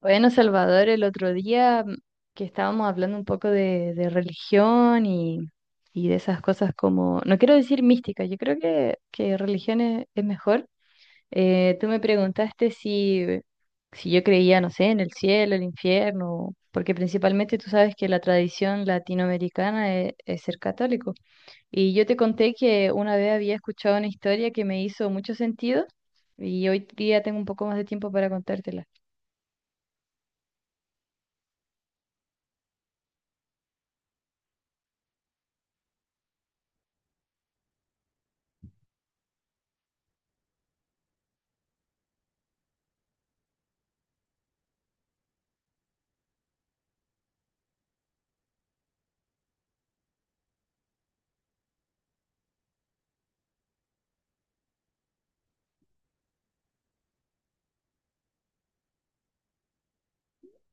Bueno, Salvador, el otro día que estábamos hablando un poco de religión y de esas cosas como, no quiero decir mística, yo creo que religión es mejor. Tú me preguntaste si yo creía, no sé, en el cielo, el infierno, porque principalmente tú sabes que la tradición latinoamericana es ser católico. Y yo te conté que una vez había escuchado una historia que me hizo mucho sentido y hoy día tengo un poco más de tiempo para contártela.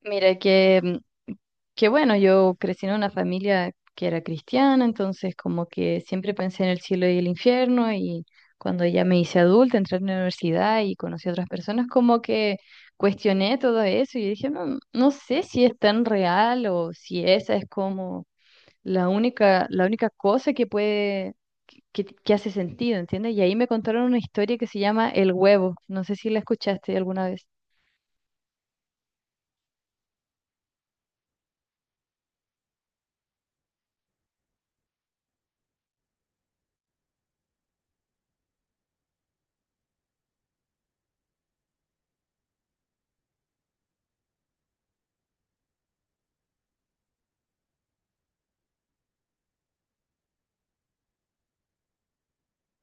Mira, que bueno, yo crecí en una familia que era cristiana, entonces como que siempre pensé en el cielo y el infierno y cuando ya me hice adulta, entré a la universidad y conocí a otras personas, como que cuestioné todo eso y dije, no, no sé si es tan real o si esa es como la única cosa que puede, que hace sentido, ¿entiendes? Y ahí me contaron una historia que se llama El Huevo, no sé si la escuchaste alguna vez.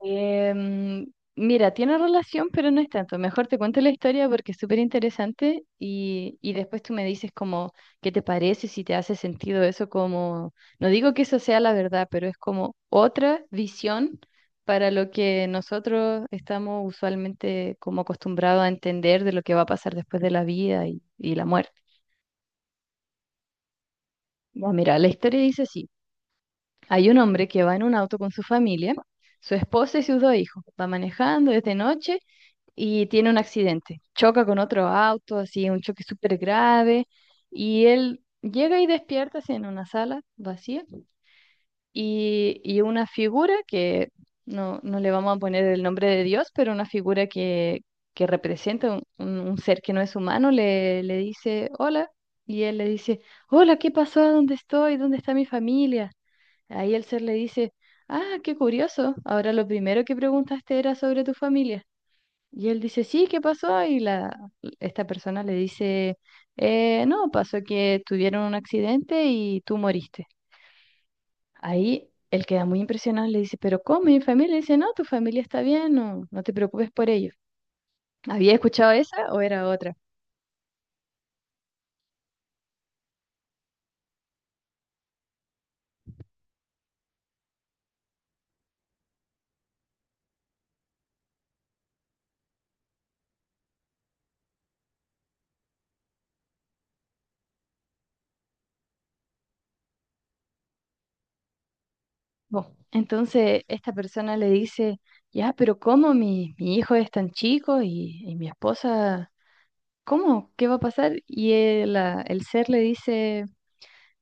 Em, Mira, tiene relación, pero no es tanto. Mejor te cuento la historia porque es súper interesante y después tú me dices como qué te parece, si te hace sentido eso como, no digo que eso sea la verdad, pero es como otra visión para lo que nosotros estamos usualmente como acostumbrados a entender de lo que va a pasar después de la vida y la muerte. Ya, mira, la historia dice así. Hay un hombre que va en un auto con su familia, su esposa y sus dos hijos. Va manejando desde noche y tiene un accidente. Choca con otro auto, así, un choque súper grave, y él llega y despierta así, en una sala vacía, y una figura que no le vamos a poner el nombre de Dios, pero una figura que representa un, un ser que no es humano, le dice, hola, y él le dice, hola, ¿qué pasó? ¿Dónde estoy? ¿Dónde está mi familia? Ahí el ser le dice, ah, qué curioso, ahora lo primero que preguntaste era sobre tu familia. Y él dice, sí, ¿qué pasó? Esta persona le dice, no, pasó que tuvieron un accidente y tú moriste. Ahí él queda muy impresionado, y le dice, pero ¿cómo? Mi familia. Y dice, no, tu familia está bien, no te preocupes por ello. ¿Había escuchado esa o era otra? Bueno, entonces esta persona le dice, ya, pero ¿cómo mi hijo es tan chico y mi esposa, ¿cómo? ¿Qué va a pasar? Y el ser le dice...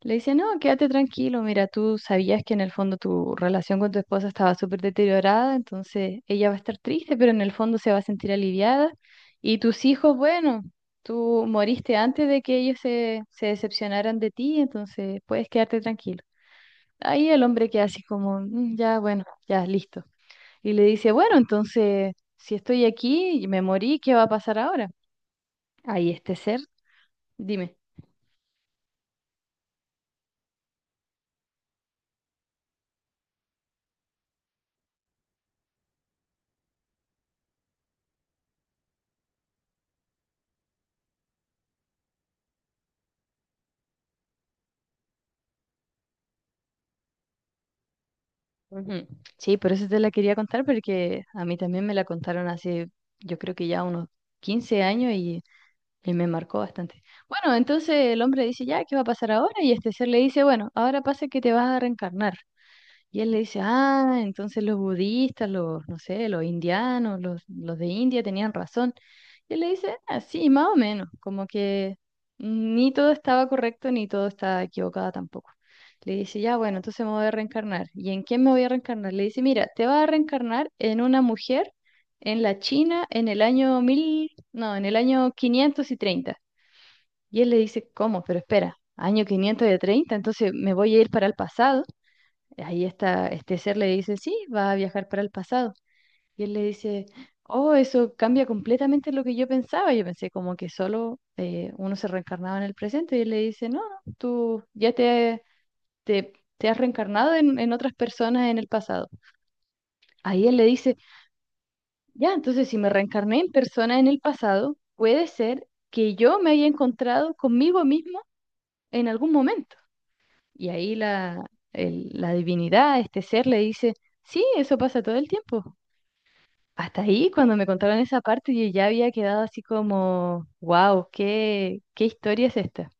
Le dice, no, quédate tranquilo, mira, tú sabías que en el fondo tu relación con tu esposa estaba súper deteriorada, entonces ella va a estar triste, pero en el fondo se va a sentir aliviada. Y tus hijos, bueno, tú moriste antes de que ellos se decepcionaran de ti, entonces puedes quedarte tranquilo. Ahí el hombre queda así como, "Mm, ya, bueno, ya, listo. Y le dice, bueno, entonces, si estoy aquí y me morí, ¿qué va a pasar ahora? Ahí este ser, dime. Ujú. Sí, por eso te la quería contar, porque a mí también me la contaron hace, yo creo que ya unos 15 años y me marcó bastante. Bueno, entonces el hombre dice, ya, ¿qué va a pasar ahora? Y este ser le dice, bueno, ahora pasa que te vas a reencarnar. Y él le dice, ah, entonces los budistas, los, no sé, los indianos, los de India tenían razón. Y él le dice, ah, sí, más o menos, como que ni todo estaba correcto ni todo estaba equivocado tampoco. Le dice, ya, bueno, entonces me voy a reencarnar. ¿Y en quién me voy a reencarnar? Le dice, mira, te vas a reencarnar en una mujer en la China en el año mil, no, en el año 530. Y él le dice, ¿cómo? Pero espera, año 530 entonces me voy a ir para el pasado. Ahí está, este ser le dice, sí, va a viajar para el pasado. Y él le dice, oh, eso cambia completamente lo que yo pensaba. Yo pensé como que solo uno se reencarnaba en el presente. Y él le dice, no, no, te has reencarnado en otras personas en el pasado. Ahí él le dice, ya, entonces si me reencarné en personas en el pasado, puede ser que yo me haya encontrado conmigo mismo en algún momento. Y ahí la divinidad, este ser, le dice, sí, eso pasa todo el tiempo. Hasta ahí, cuando me contaron esa parte, yo ya había quedado así como, wow, ¿qué historia es esta?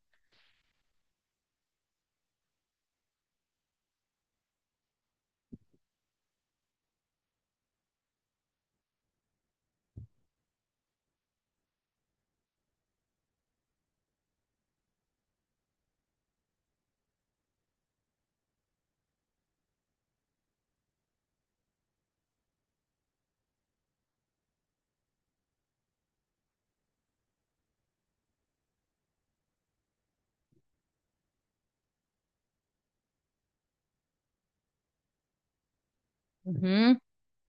Ujú.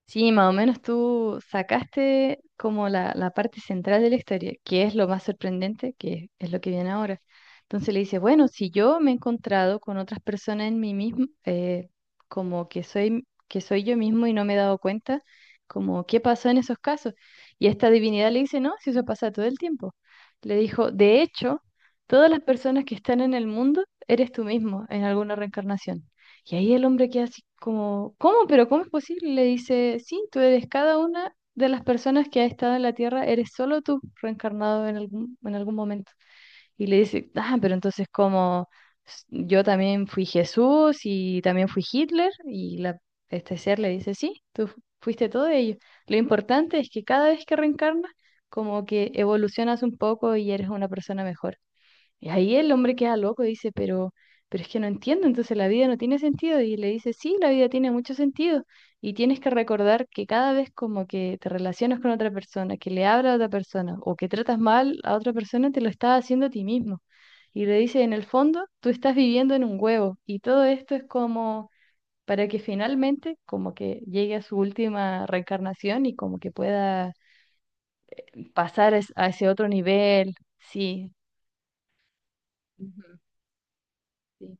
Sí, más o menos tú sacaste como la parte central de la historia, que es lo más sorprendente, que es lo que viene ahora. Entonces le dice, bueno, si yo me he encontrado con otras personas en mí mismo, como que soy yo mismo y no me he dado cuenta, como qué pasó en esos casos. Y esta divinidad le dice, no, si eso pasa todo el tiempo. Le dijo, de hecho, todas las personas que están en el mundo, eres tú mismo en alguna reencarnación. Y ahí el hombre queda así como, ¿cómo? ¿Pero cómo es posible? Le dice, sí, tú eres cada una de las personas que ha estado en la Tierra, eres solo tú reencarnado en en algún momento. Y le dice, ah, pero entonces como yo también fui Jesús y también fui Hitler, este ser le dice, sí, fuiste todo ello. Lo importante es que cada vez que reencarnas, como que evolucionas un poco y eres una persona mejor. Y ahí el hombre queda loco y dice, pero es que no entiendo, entonces la vida no tiene sentido. Y le dice, sí, la vida tiene mucho sentido. Y tienes que recordar que cada vez como que te relacionas con otra persona, que le hablas a otra persona o que tratas mal a otra persona, te lo estás haciendo a ti mismo. Y le dice, en el fondo, tú estás viviendo en un huevo. Y todo esto es como para que finalmente como que llegue a su última reencarnación y como que pueda a ese otro nivel. Sí. Ujú, sí.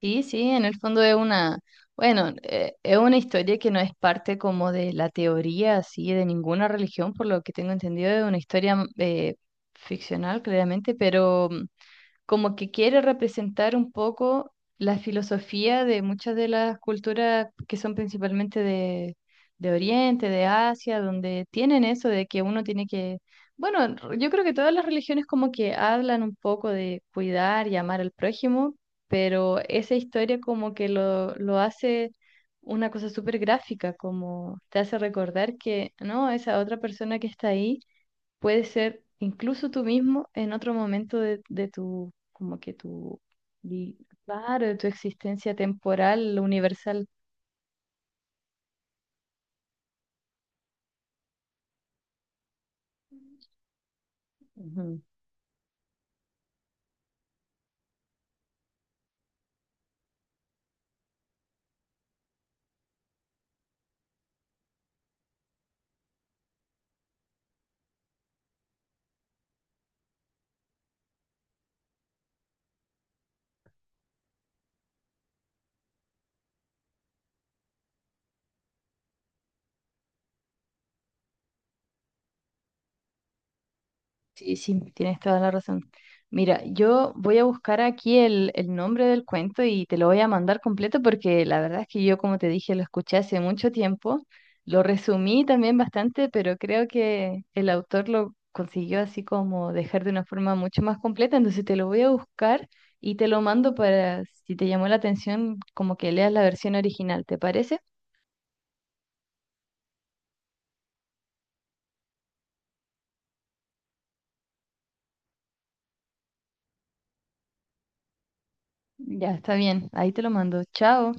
Sí, sí, en el fondo es bueno, es una historia que no es parte como de la teoría así de ninguna religión, por lo que tengo entendido, es una historia ficcional, claramente, pero como que quiere representar un poco la filosofía de muchas de las culturas que son principalmente de Oriente, de Asia, donde tienen eso de que uno tiene que, bueno, yo creo que todas las religiones como que hablan un poco de cuidar y amar al prójimo, pero esa historia como que lo hace una cosa súper gráfica, como te hace recordar que, no, esa otra persona que está ahí puedes ser incluso tú mismo en otro momento de tu, como que tu, di- claro, de tu existencia temporal, universal. Ujú. Sí, sí, tienes toda la razón. Mira, yo voy a buscar aquí el nombre del cuento y te lo voy a mandar completo porque la verdad es que yo, como te dije, lo escuché hace mucho tiempo, lo resumí también bastante, pero creo que el autor lo consiguió así como dejar de una forma mucho más completa, entonces te lo voy a buscar y te lo mando para, si te llamó la atención, como que leas la versión original, ¿te parece? Ya, está bien, ahí te lo mando. Chao.